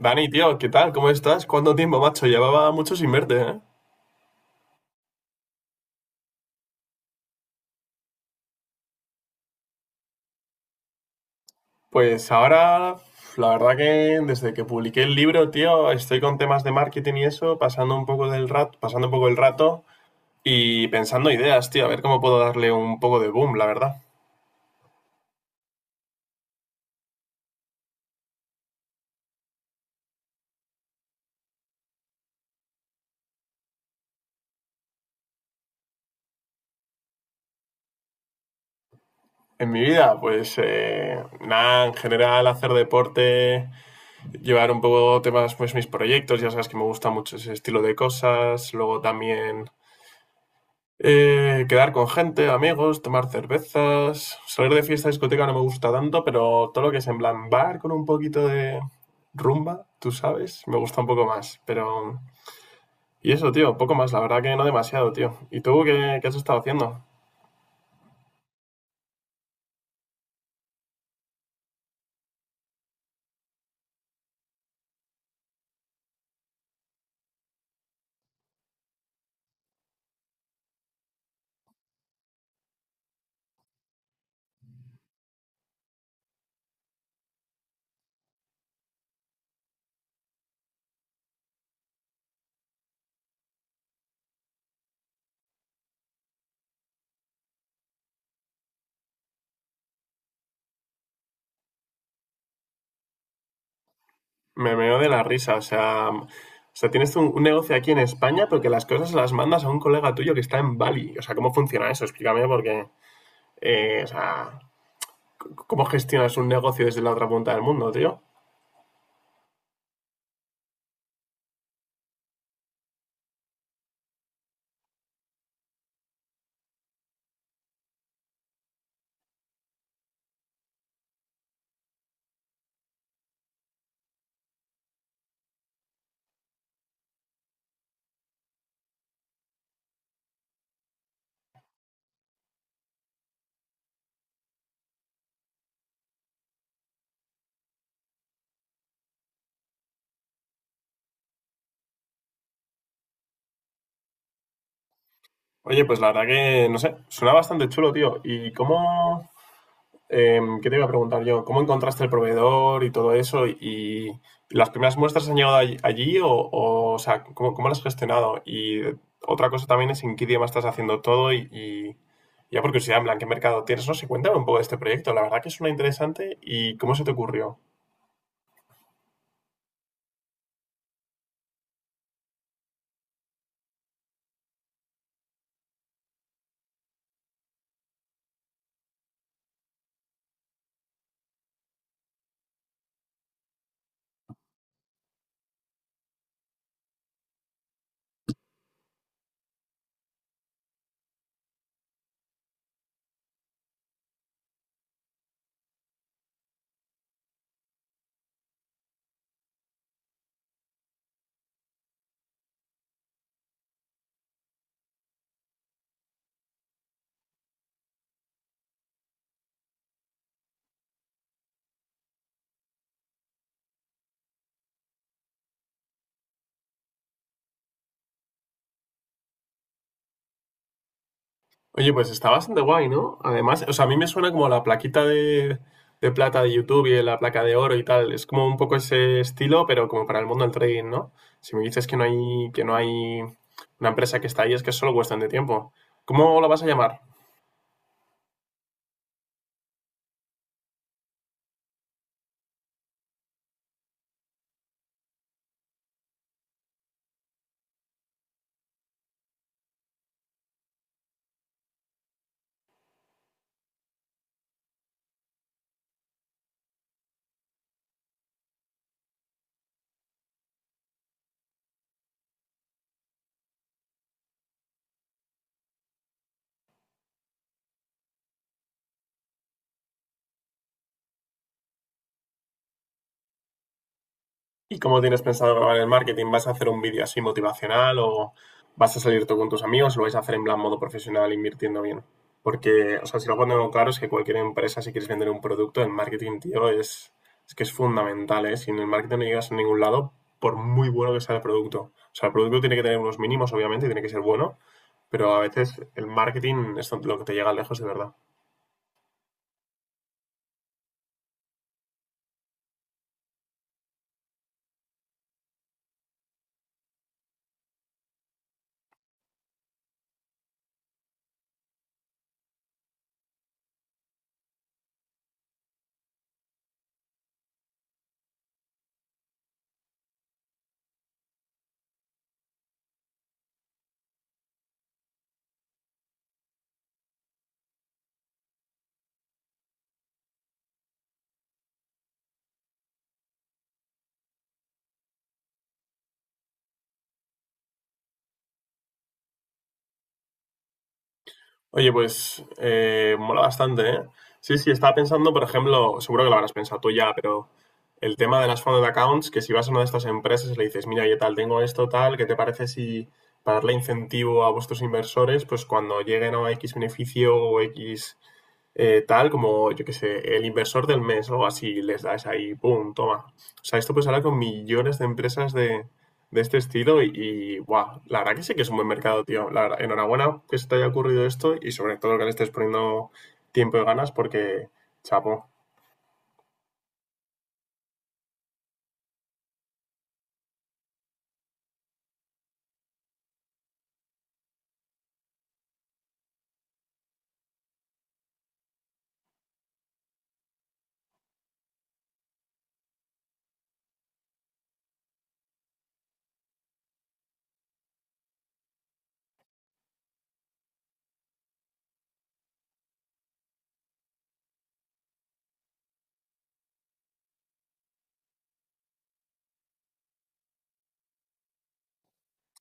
Dani, tío, ¿qué tal? ¿Cómo estás? ¿Cuánto tiempo, macho? Llevaba mucho sin verte, ¿eh? Pues ahora, la verdad que desde que publiqué el libro, tío, estoy con temas de marketing y eso, pasando un poco el rato y pensando ideas, tío, a ver cómo puedo darle un poco de boom, la verdad. En mi vida, pues nada, en general hacer deporte, llevar un poco temas, pues mis proyectos, ya sabes que me gusta mucho ese estilo de cosas, luego también. Quedar con gente, amigos, tomar cervezas. Salir de fiesta discoteca no me gusta tanto, pero todo lo que es en plan bar con un poquito de rumba, tú sabes, me gusta un poco más. Pero. Y eso, tío, poco más, la verdad que no demasiado, tío. ¿Y tú qué has estado haciendo? Me meo de la risa, o sea. O sea, tienes un negocio aquí en España, pero que las cosas las mandas a un colega tuyo que está en Bali. O sea, ¿cómo funciona eso? Explícame, porque, o sea, ¿cómo gestionas un negocio desde la otra punta del mundo, tío? Oye, pues la verdad que, no sé, suena bastante chulo, tío. ¿Qué te iba a preguntar yo? ¿Cómo encontraste el proveedor y todo eso? ¿Y las primeras muestras han llegado allí o sea, ¿cómo las has gestionado? Y otra cosa también es en qué idioma estás haciendo todo y ya por curiosidad, en plan, ¿qué mercado tienes? No sé, cuéntame un poco de este proyecto. La verdad que suena interesante y ¿cómo se te ocurrió? Oye, pues está bastante guay, ¿no? Además, o sea, a mí me suena como la plaquita de plata de YouTube y la placa de oro y tal. Es como un poco ese estilo, pero como para el mundo del trading, ¿no? Si me dices que no hay una empresa que está ahí, es que es solo cuestión de tiempo. ¿Cómo la vas a llamar? ¿Y cómo tienes pensado grabar el marketing? ¿Vas a hacer un vídeo así motivacional o vas a salir tú con tus amigos? ¿Lo vais a hacer en plan modo profesional invirtiendo bien? Porque, o sea, si lo pongo claro es que cualquier empresa, si quieres vender un producto, el marketing, tío, es que es fundamental, ¿eh? Si en el marketing no llegas a ningún lado, por muy bueno que sea el producto. O sea, el producto tiene que tener unos mínimos, obviamente, y tiene que ser bueno, pero a veces el marketing es lo que te llega lejos de verdad. Oye, pues mola bastante, ¿eh? Sí, sí, estaba pensando, por ejemplo, seguro que lo habrás pensado tú ya, pero el tema de las founded accounts, que si vas a una de estas empresas y le dices, mira, yo tal, tengo esto, tal, ¿qué te parece si para darle incentivo a vuestros inversores, pues cuando lleguen a X beneficio o X, tal como, yo qué sé, el inversor del mes o algo así, les das ahí, ¡pum!, toma. O sea, esto pues hablar con millones de empresas de este estilo y, guau, la verdad que sí que es un buen mercado, tío. La verdad, enhorabuena que se te haya ocurrido esto y sobre todo que le estés poniendo tiempo y ganas porque, chapo.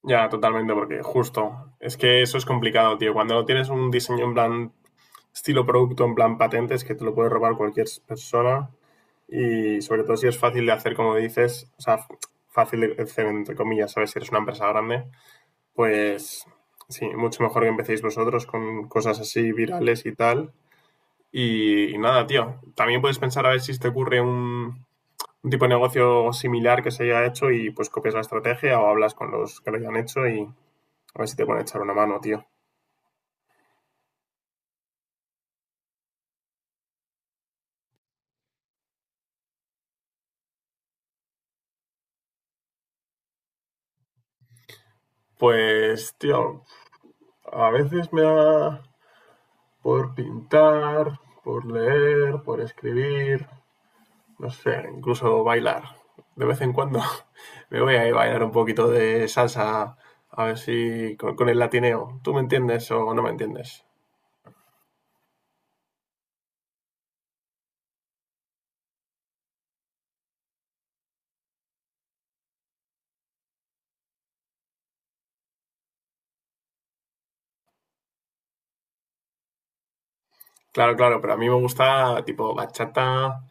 Ya totalmente, porque justo, es que eso es complicado, tío. Cuando no tienes un diseño en plan estilo producto, en plan patentes, que te lo puede robar cualquier persona. Y sobre todo si es fácil de hacer, como dices, o sea, fácil de hacer entre comillas, ¿sabes? Si eres una empresa grande, pues sí, mucho mejor que empecéis vosotros con cosas así virales y tal. Y nada, tío, también puedes pensar a ver si te ocurre un tipo de negocio similar que se haya hecho y pues copias la estrategia o hablas con los que lo hayan hecho y a ver si te pueden echar una mano, tío. Pues, tío, a veces me da por pintar, por leer, por escribir, no sé, incluso bailar. De vez en cuando me voy a ir a bailar un poquito de salsa, a ver si con, el latineo. ¿Tú me entiendes o no me entiendes? Claro, claro, pero a mí me gusta tipo bachata,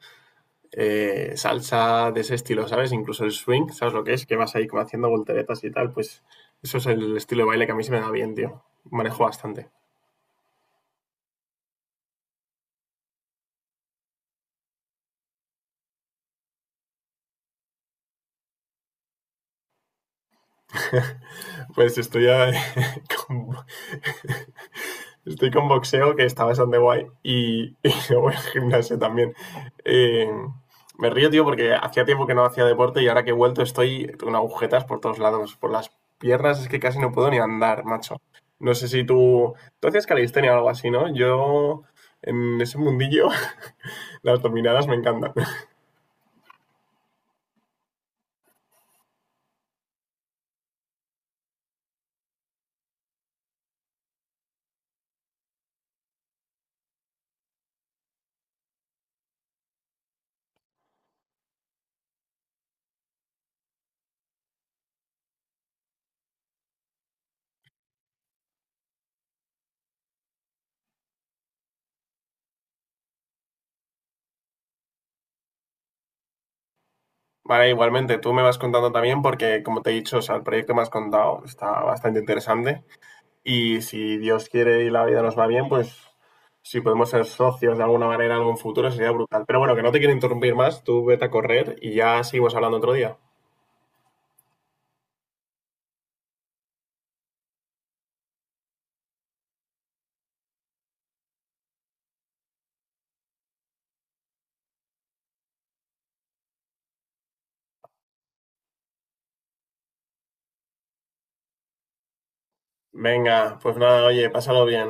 salsa de ese estilo, ¿sabes? Incluso el swing, ¿sabes lo que es? Que vas ahí como haciendo volteretas y tal, pues eso es el estilo de baile que a mí se me da bien, tío. Manejo bastante. Pues estoy, a- con, estoy con boxeo, que está bastante guay, y luego el gimnasio también. Eh, Me río, tío, porque hacía tiempo que no hacía deporte y ahora que he vuelto estoy con agujetas por todos lados. Por las piernas es que casi no puedo ni andar, macho. No sé si tú... Tú hacías calistenia o algo así, ¿no? Yo, en ese mundillo, las dominadas me encantan. Vale, igualmente, tú me vas contando también porque, como te he dicho, o sea, el proyecto que me has contado está bastante interesante y si Dios quiere y la vida nos va bien, pues si podemos ser socios de alguna manera en algún futuro sería brutal. Pero bueno, que no te quiero interrumpir más, tú vete a correr y ya seguimos hablando otro día. Venga, pues nada, oye, pásalo bien.